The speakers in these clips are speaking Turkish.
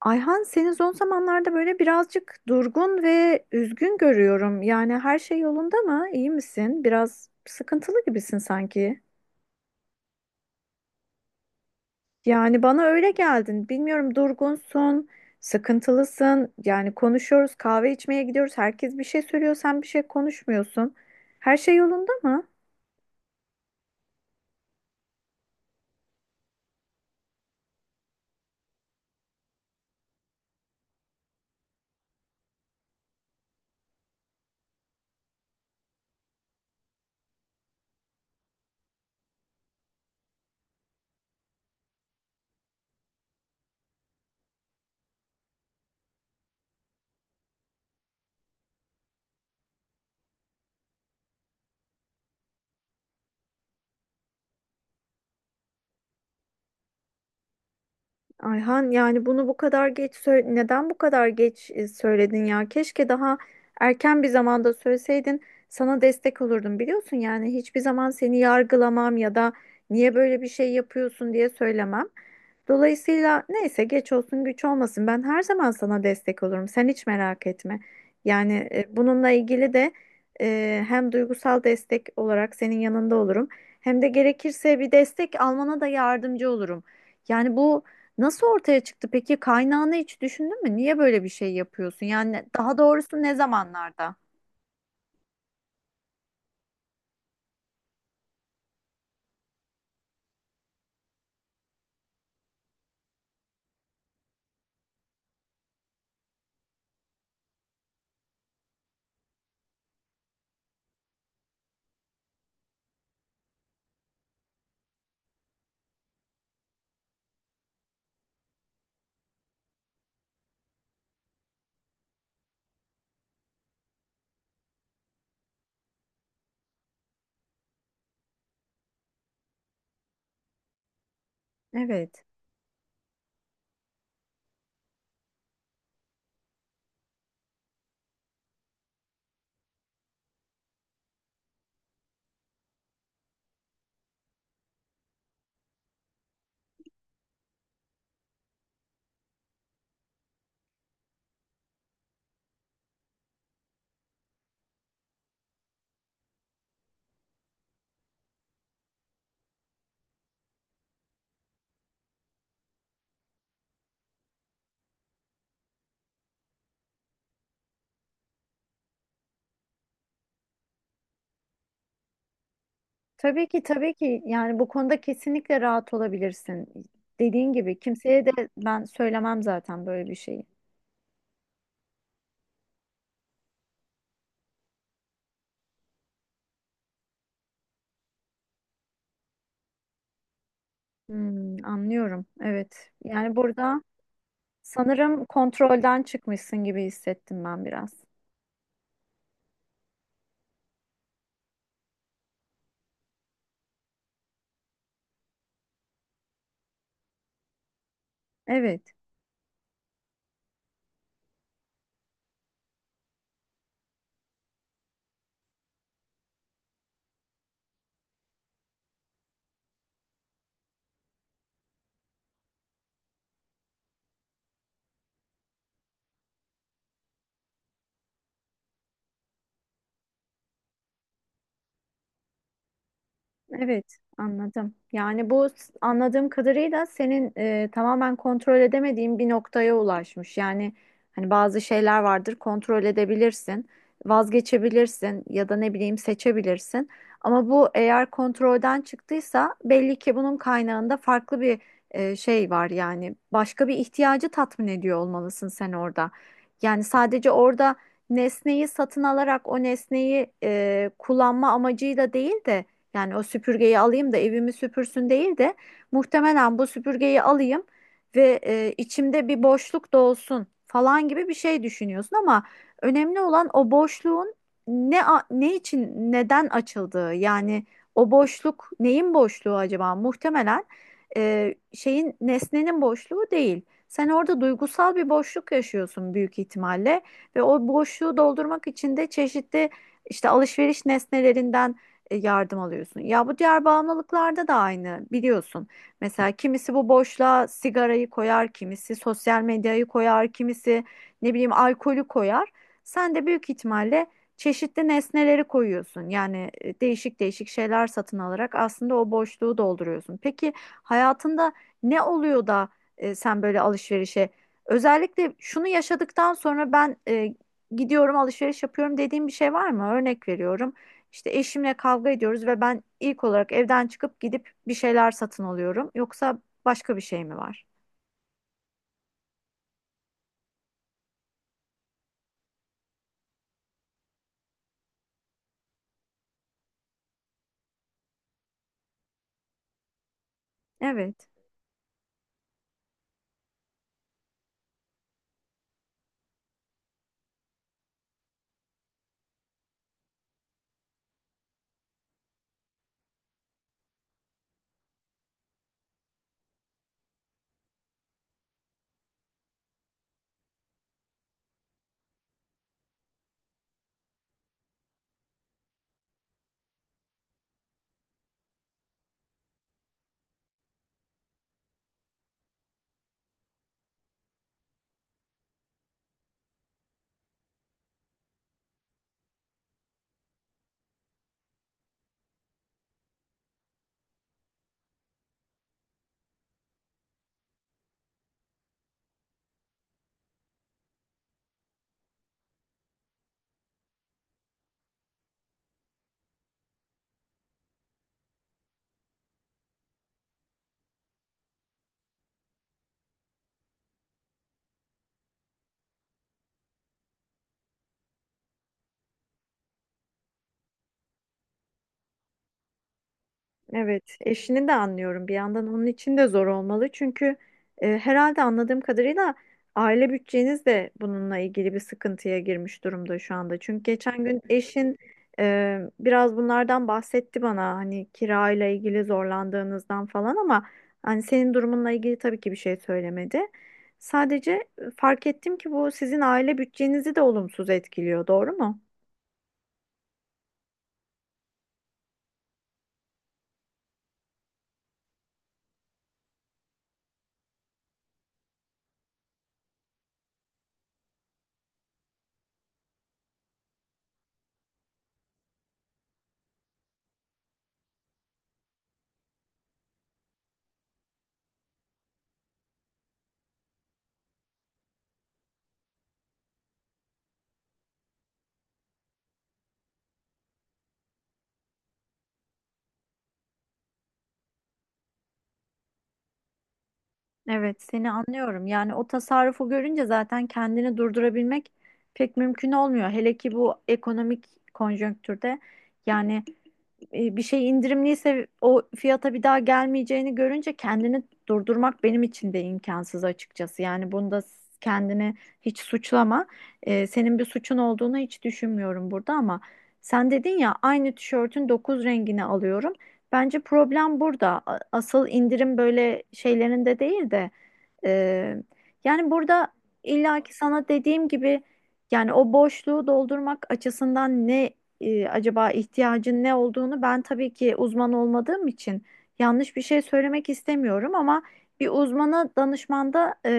Ayhan seni son zamanlarda böyle birazcık durgun ve üzgün görüyorum. Yani her şey yolunda mı? İyi misin? Biraz sıkıntılı gibisin sanki. Yani bana öyle geldin. Bilmiyorum durgunsun, sıkıntılısın. Yani konuşuyoruz, kahve içmeye gidiyoruz. Herkes bir şey söylüyor, sen bir şey konuşmuyorsun. Her şey yolunda mı? Ayhan yani bunu bu kadar geç neden bu kadar geç söyledin ya? Keşke daha erken bir zamanda söyleseydin. Sana destek olurdum biliyorsun yani hiçbir zaman seni yargılamam ya da niye böyle bir şey yapıyorsun diye söylemem. Dolayısıyla neyse geç olsun güç olmasın, ben her zaman sana destek olurum, sen hiç merak etme. Yani bununla ilgili de hem duygusal destek olarak senin yanında olurum hem de gerekirse bir destek almana da yardımcı olurum. Yani bu, nasıl ortaya çıktı peki? Kaynağını hiç düşündün mü? Niye böyle bir şey yapıyorsun? Yani daha doğrusu ne zamanlarda? Evet. Tabii ki tabii ki, yani bu konuda kesinlikle rahat olabilirsin. Dediğin gibi kimseye de ben söylemem zaten böyle bir şeyi. Hmm, anlıyorum. Evet. Yani burada sanırım kontrolden çıkmışsın gibi hissettim ben biraz. Evet. Evet, anladım. Yani bu anladığım kadarıyla senin tamamen kontrol edemediğin bir noktaya ulaşmış. Yani hani bazı şeyler vardır, kontrol edebilirsin, vazgeçebilirsin ya da ne bileyim seçebilirsin. Ama bu eğer kontrolden çıktıysa belli ki bunun kaynağında farklı bir şey var, yani başka bir ihtiyacı tatmin ediyor olmalısın sen orada. Yani sadece orada nesneyi satın alarak o nesneyi kullanma amacıyla değil de, yani o süpürgeyi alayım da evimi süpürsün değil de muhtemelen bu süpürgeyi alayım ve içimde bir boşluk dolsun falan gibi bir şey düşünüyorsun. Ama önemli olan o boşluğun ne için neden açıldığı, yani o boşluk neyin boşluğu acaba? Muhtemelen şeyin, nesnenin boşluğu değil. Sen orada duygusal bir boşluk yaşıyorsun büyük ihtimalle ve o boşluğu doldurmak için de çeşitli işte alışveriş nesnelerinden yardım alıyorsun. Ya bu diğer bağımlılıklarda da aynı, biliyorsun. Mesela kimisi bu boşluğa sigarayı koyar, kimisi sosyal medyayı koyar, kimisi ne bileyim alkolü koyar. Sen de büyük ihtimalle çeşitli nesneleri koyuyorsun. Yani değişik değişik şeyler satın alarak aslında o boşluğu dolduruyorsun. Peki hayatında ne oluyor da sen böyle alışverişe, özellikle şunu yaşadıktan sonra ben gidiyorum alışveriş yapıyorum dediğim bir şey var mı? Örnek veriyorum. İşte eşimle kavga ediyoruz ve ben ilk olarak evden çıkıp gidip bir şeyler satın alıyorum. Yoksa başka bir şey mi var? Evet. Evet, eşini de anlıyorum. Bir yandan onun için de zor olmalı. Çünkü herhalde anladığım kadarıyla aile bütçeniz de bununla ilgili bir sıkıntıya girmiş durumda şu anda. Çünkü geçen gün eşin biraz bunlardan bahsetti bana. Hani kirayla ilgili zorlandığınızdan falan, ama hani senin durumunla ilgili tabii ki bir şey söylemedi. Sadece fark ettim ki bu sizin aile bütçenizi de olumsuz etkiliyor, doğru mu? Evet, seni anlıyorum. Yani o tasarrufu görünce zaten kendini durdurabilmek pek mümkün olmuyor. Hele ki bu ekonomik konjonktürde, yani bir şey indirimliyse o fiyata bir daha gelmeyeceğini görünce kendini durdurmak benim için de imkansız açıkçası. Yani bunda kendini hiç suçlama. Senin bir suçun olduğunu hiç düşünmüyorum burada, ama sen dedin ya aynı tişörtün 9 rengini alıyorum. Bence problem burada. Asıl indirim böyle şeylerinde değil de e, yani burada illaki sana dediğim gibi yani o boşluğu doldurmak açısından ne acaba ihtiyacın ne olduğunu ben tabii ki uzman olmadığım için yanlış bir şey söylemek istemiyorum, ama bir uzmana danışmanda e,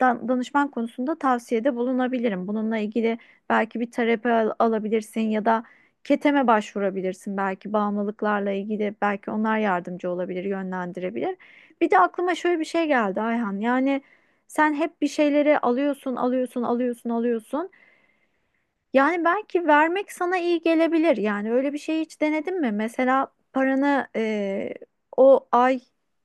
dan- danışman konusunda tavsiyede bulunabilirim. Bununla ilgili belki bir alabilirsin ya da keteme başvurabilirsin belki, bağımlılıklarla ilgili belki onlar yardımcı olabilir, yönlendirebilir. Bir de aklıma şöyle bir şey geldi Ayhan. Yani sen hep bir şeyleri alıyorsun, alıyorsun, alıyorsun, alıyorsun. Yani belki vermek sana iyi gelebilir. Yani öyle bir şey hiç denedin mi? Mesela paranı o ay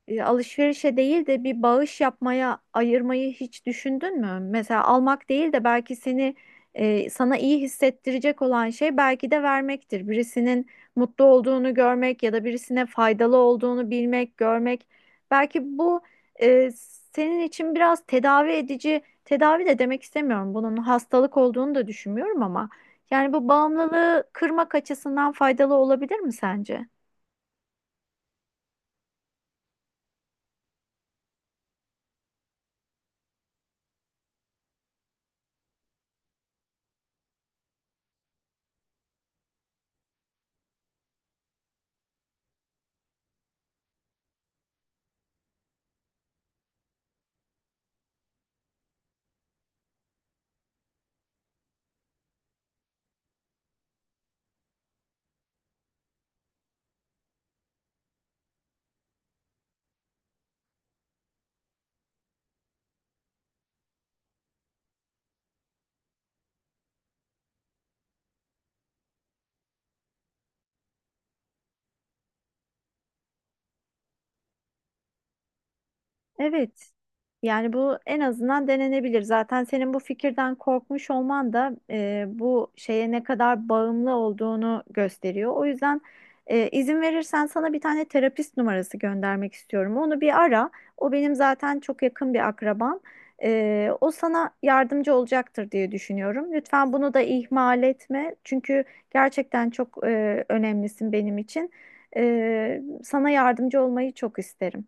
alışverişe değil de bir bağış yapmaya ayırmayı hiç düşündün mü? Mesela almak değil de belki seni sana iyi hissettirecek olan şey belki de vermektir. Birisinin mutlu olduğunu görmek ya da birisine faydalı olduğunu bilmek, görmek. Belki bu e, senin için biraz tedavi edici, tedavi de demek istemiyorum, bunun hastalık olduğunu da düşünmüyorum, ama yani bu bağımlılığı kırmak açısından faydalı olabilir mi sence? Evet. Yani bu en azından denenebilir. Zaten senin bu fikirden korkmuş olman da bu şeye ne kadar bağımlı olduğunu gösteriyor. O yüzden izin verirsen sana bir tane terapist numarası göndermek istiyorum. Onu bir ara. O benim zaten çok yakın bir akrabam. O sana yardımcı olacaktır diye düşünüyorum. Lütfen bunu da ihmal etme. Çünkü gerçekten çok önemlisin benim için. Sana yardımcı olmayı çok isterim.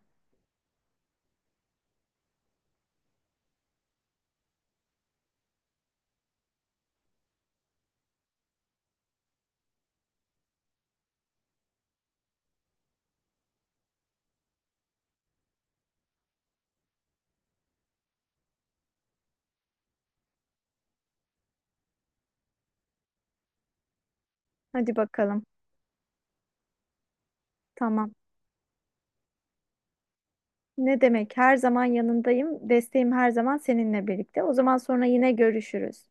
Hadi bakalım. Tamam. Ne demek? Her zaman yanındayım. Desteğim her zaman seninle birlikte. O zaman sonra yine görüşürüz.